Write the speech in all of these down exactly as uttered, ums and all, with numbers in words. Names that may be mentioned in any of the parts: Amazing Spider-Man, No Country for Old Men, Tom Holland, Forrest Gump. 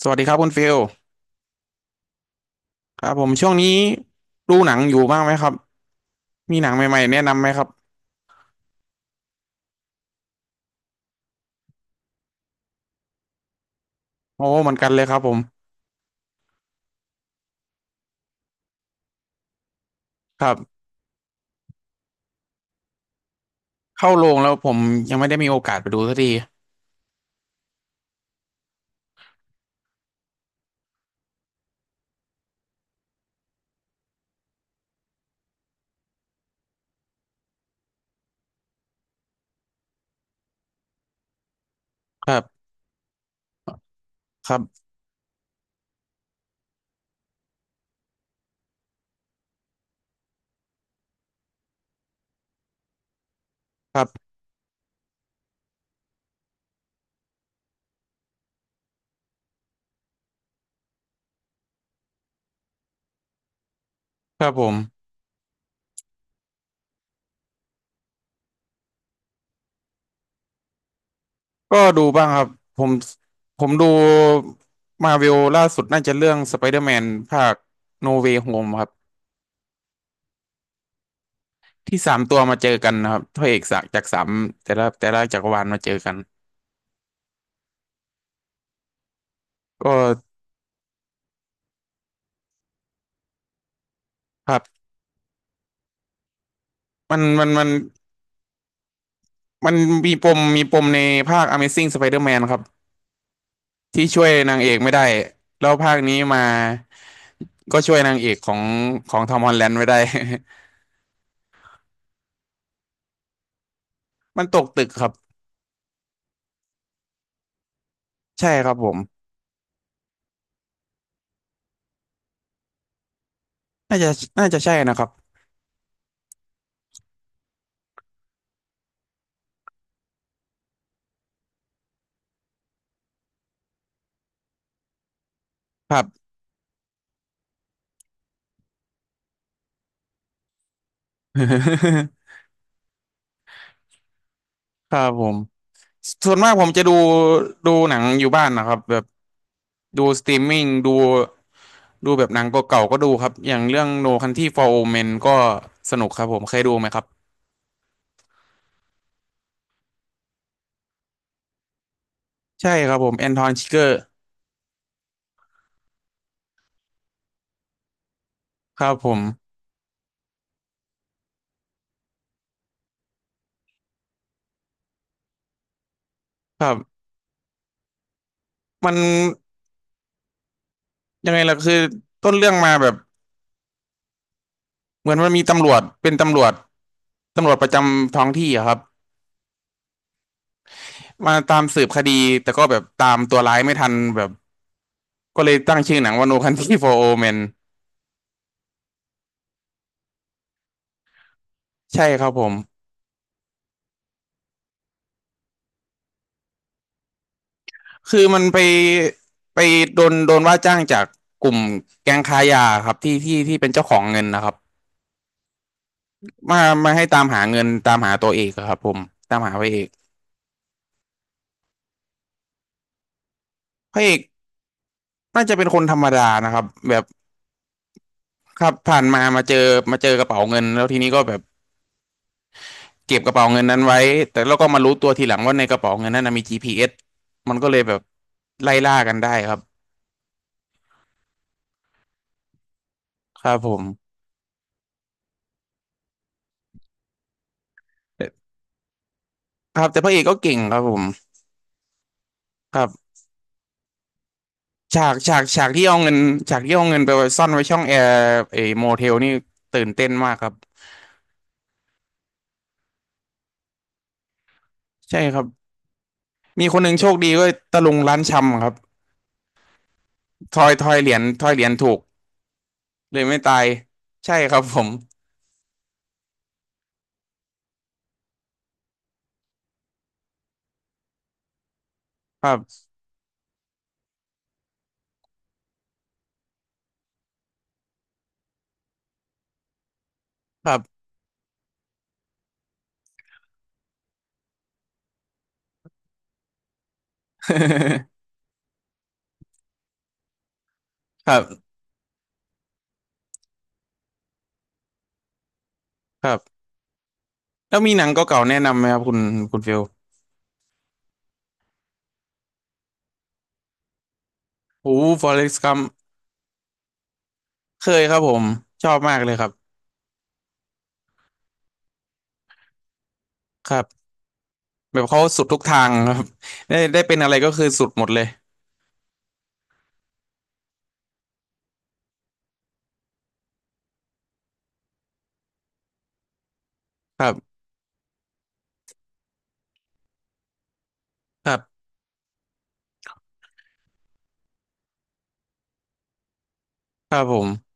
สวัสดีครับคุณฟิลครับผมช่วงนี้ดูหนังอยู่บ้างไหมครับมีหนังใหม่ๆแนะนำไหมครับโอ้เหมือนกันเลยครับผมครับเข้าโรงแล้วผมยังไม่ได้มีโอกาสไปดูสักทีครับครับครับครับผมก็ดูบ้างครับผมผมดูมาเวลล่าสุดน่าจะเรื่องสไปเดอร์แมนภาคโนเว y h โฮมครับที่สามตัวมาเจอกันนะครับพระเอกจากจากสามแต่ละแต่ละจักรวาลมาเจอกันก็ครับมันมันมัน มันมีปมมีปมในภาค Amazing Spider-Man ครับที่ช่วยนางเอกไม่ได้แล้วภาคนี้มาก็ช่วยนางเอกของของทอมฮอลแลนด์ไม่ได้ มันตกตึกครับใช่ครับผมน่าจะน่าจะใช่นะครับครับ ครับผมส่วนมากผมจะดูดูหนังอยู่บ้านนะครับแบบดูสตรีมมิ่งดูดูแบบหนังเก่าๆก็ดูครับอย่างเรื่อง No Country for Old Men ก็สนุกครับผมเคยดูไหมครับใช่ครับผมแอนทอนชิเกอร์ครับผมครับ มันยังไงล่ะคือต้นเรื่องมาแบบเหมือนมันมีตำรวจเป็นตำรวจตำรวจประจำท้องที่อะครับมาตามสืบคดีแต่ก็แบบตามตัวร้ายไม่ทันแบบก็เลยตั้งชื่อหนังว่า No Country for Old Men ใช่ครับผมคือมันไปไปโดนโดนว่าจ้างจากกลุ่มแก๊งค้ายาครับที่ที่ที่เป็นเจ้าของเงินนะครับมามาให้ตามหาเงินตามหาตัวเอกอะครับผมตามหาพระเอกพระเอกน่าจะเป็นคนธรรมดานะครับแบบครับผ่านมามาเจอมาเจอกระเป๋าเงินแล้วทีนี้ก็แบบ เก็บกระเป๋าเงินนั้นไว้ แต่เราก็มารู้ตัวทีหลังว่าในกระเป๋าเงินนั้นนะมี จี พี เอส มันก็เลยแบบไล่ล่ากันได้ครับครับผมแต่ครับแต่พระเอกก็เก่งครับผมครับฉากฉากฉากที่เอาเงินฉากที่เอาเงินไปไว้ซ่อนไว้ช่องแอร์ไอโมเทลนี่ตื่นเต้นมากครับใช่ครับ มีคนหนึ่งโชคดีก็ตะลุงร้านชำครับทอยทอยเหรียญทอยเหรียญถูกเลยไม่ตายใช่ครับผมครับครับ ครับครับแล้วมีหนังเก่าๆแนะนำไหมครับคุณคุณฟิลโอ้ฟอเร็กซ์กัม เคยครับผมชอบมากเลยครับครับแบบเขาสุดทุกทางครับ ได้ได้เป็นอะไรก็คือสุดหมดเลยครับครับครับผม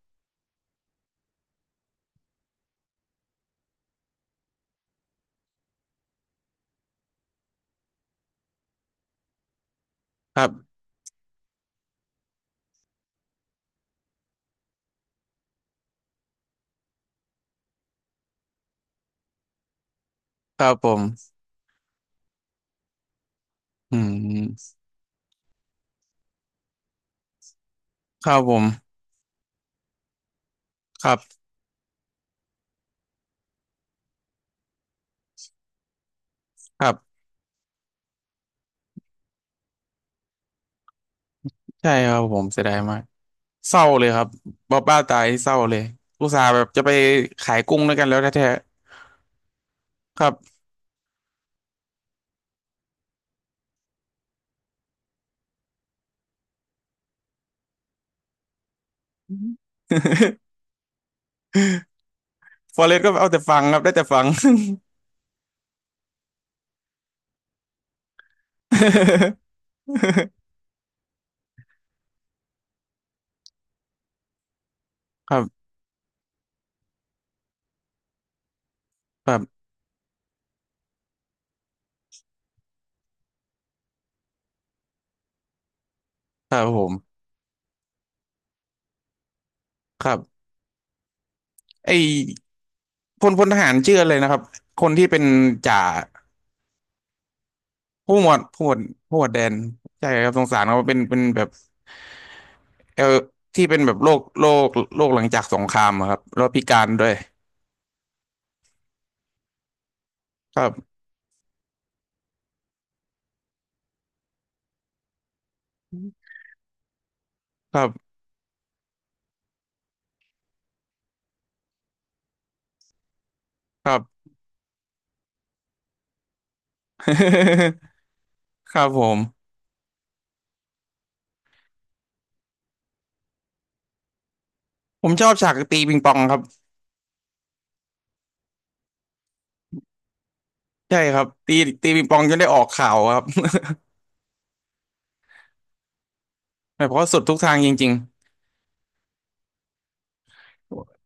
ครับครับผมอืมครับผมครับครับใช่ครับผมเสียดายมากเศร้าเลยครับบอบบ้าตายเศร้าเลยอุตส่าห์แบบจะไปขายกุ้งด้วยกันแล้วแท้ๆครับ ฟอเรสก็เอาแต่ฟังครับได้แต่ฟัง ครับครับครับผมครับไอ พลพลทหารชื่ออะไรนะครับคนที่เป็นจ่าผู้หมวดผู้หมวดผู้หมวดแดนใช่ครับสงสารเขาเป็นเป็นแบบเออที่เป็นแบบโรคโรคโรคหลังจากสงครามอะครับแล้วพิการด้วยครับครับครับ ครับผมผมชอบฉากตีปิงปองครับใช่ครับตีตีปิงปองจนได้ออกข่าวครับ แบบเพราะสุดทุกทางจริง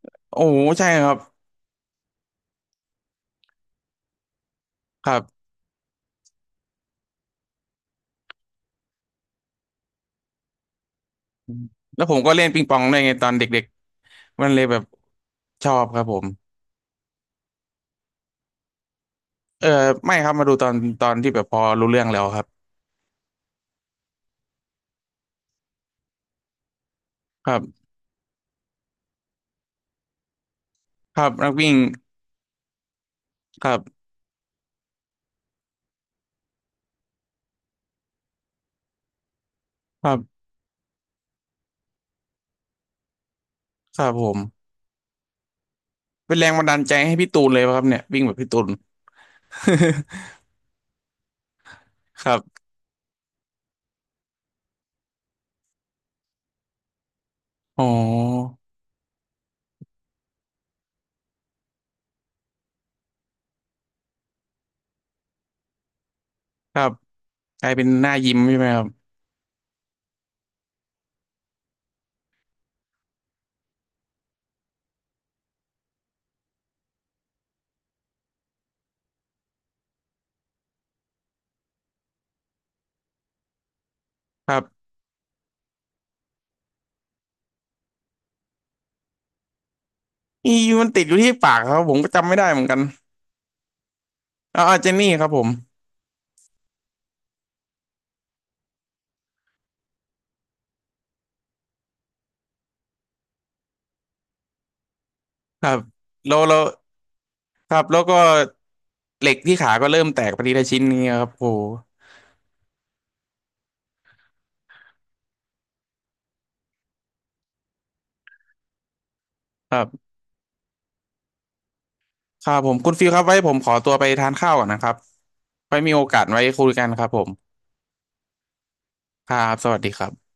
ๆโอ้โหใช่ครับครับแล้วผมก็เล่นปิงปองด้วยไงตอนเด็กๆมันเลยแบบชอบครับผม เออไม่ครับมาดูตอนตอนที่แบบพอรู้เรื่องแล้วครับครับครับนักวิ่งครับครับครับผมเป็นแรงบันดาลใจให้พี่ตูนเลยป่ะครับเนี่ยวิ่งแบบพี่ตูน ครับอ๋อครับกลายเป็นหน้ายิ้มใช่ไหมครับครับอีมันติดอยู่ที่ปากครับผมก็จำไม่ได้เหมือนกันอ๋อเจนนี่ครับผมครับแล้วแล้วครับแล้วก็เหล็กที่ขาก็เริ่มแตกไปทีละชิ้นนี้ยครับโโหครับ ครับผมคุณฟิลครับไว้ผมขอตัวไปทานข้าวก่อนนะครับไว้มีโอกาสไว้คุยกันครับผมครับสวัสดีครับ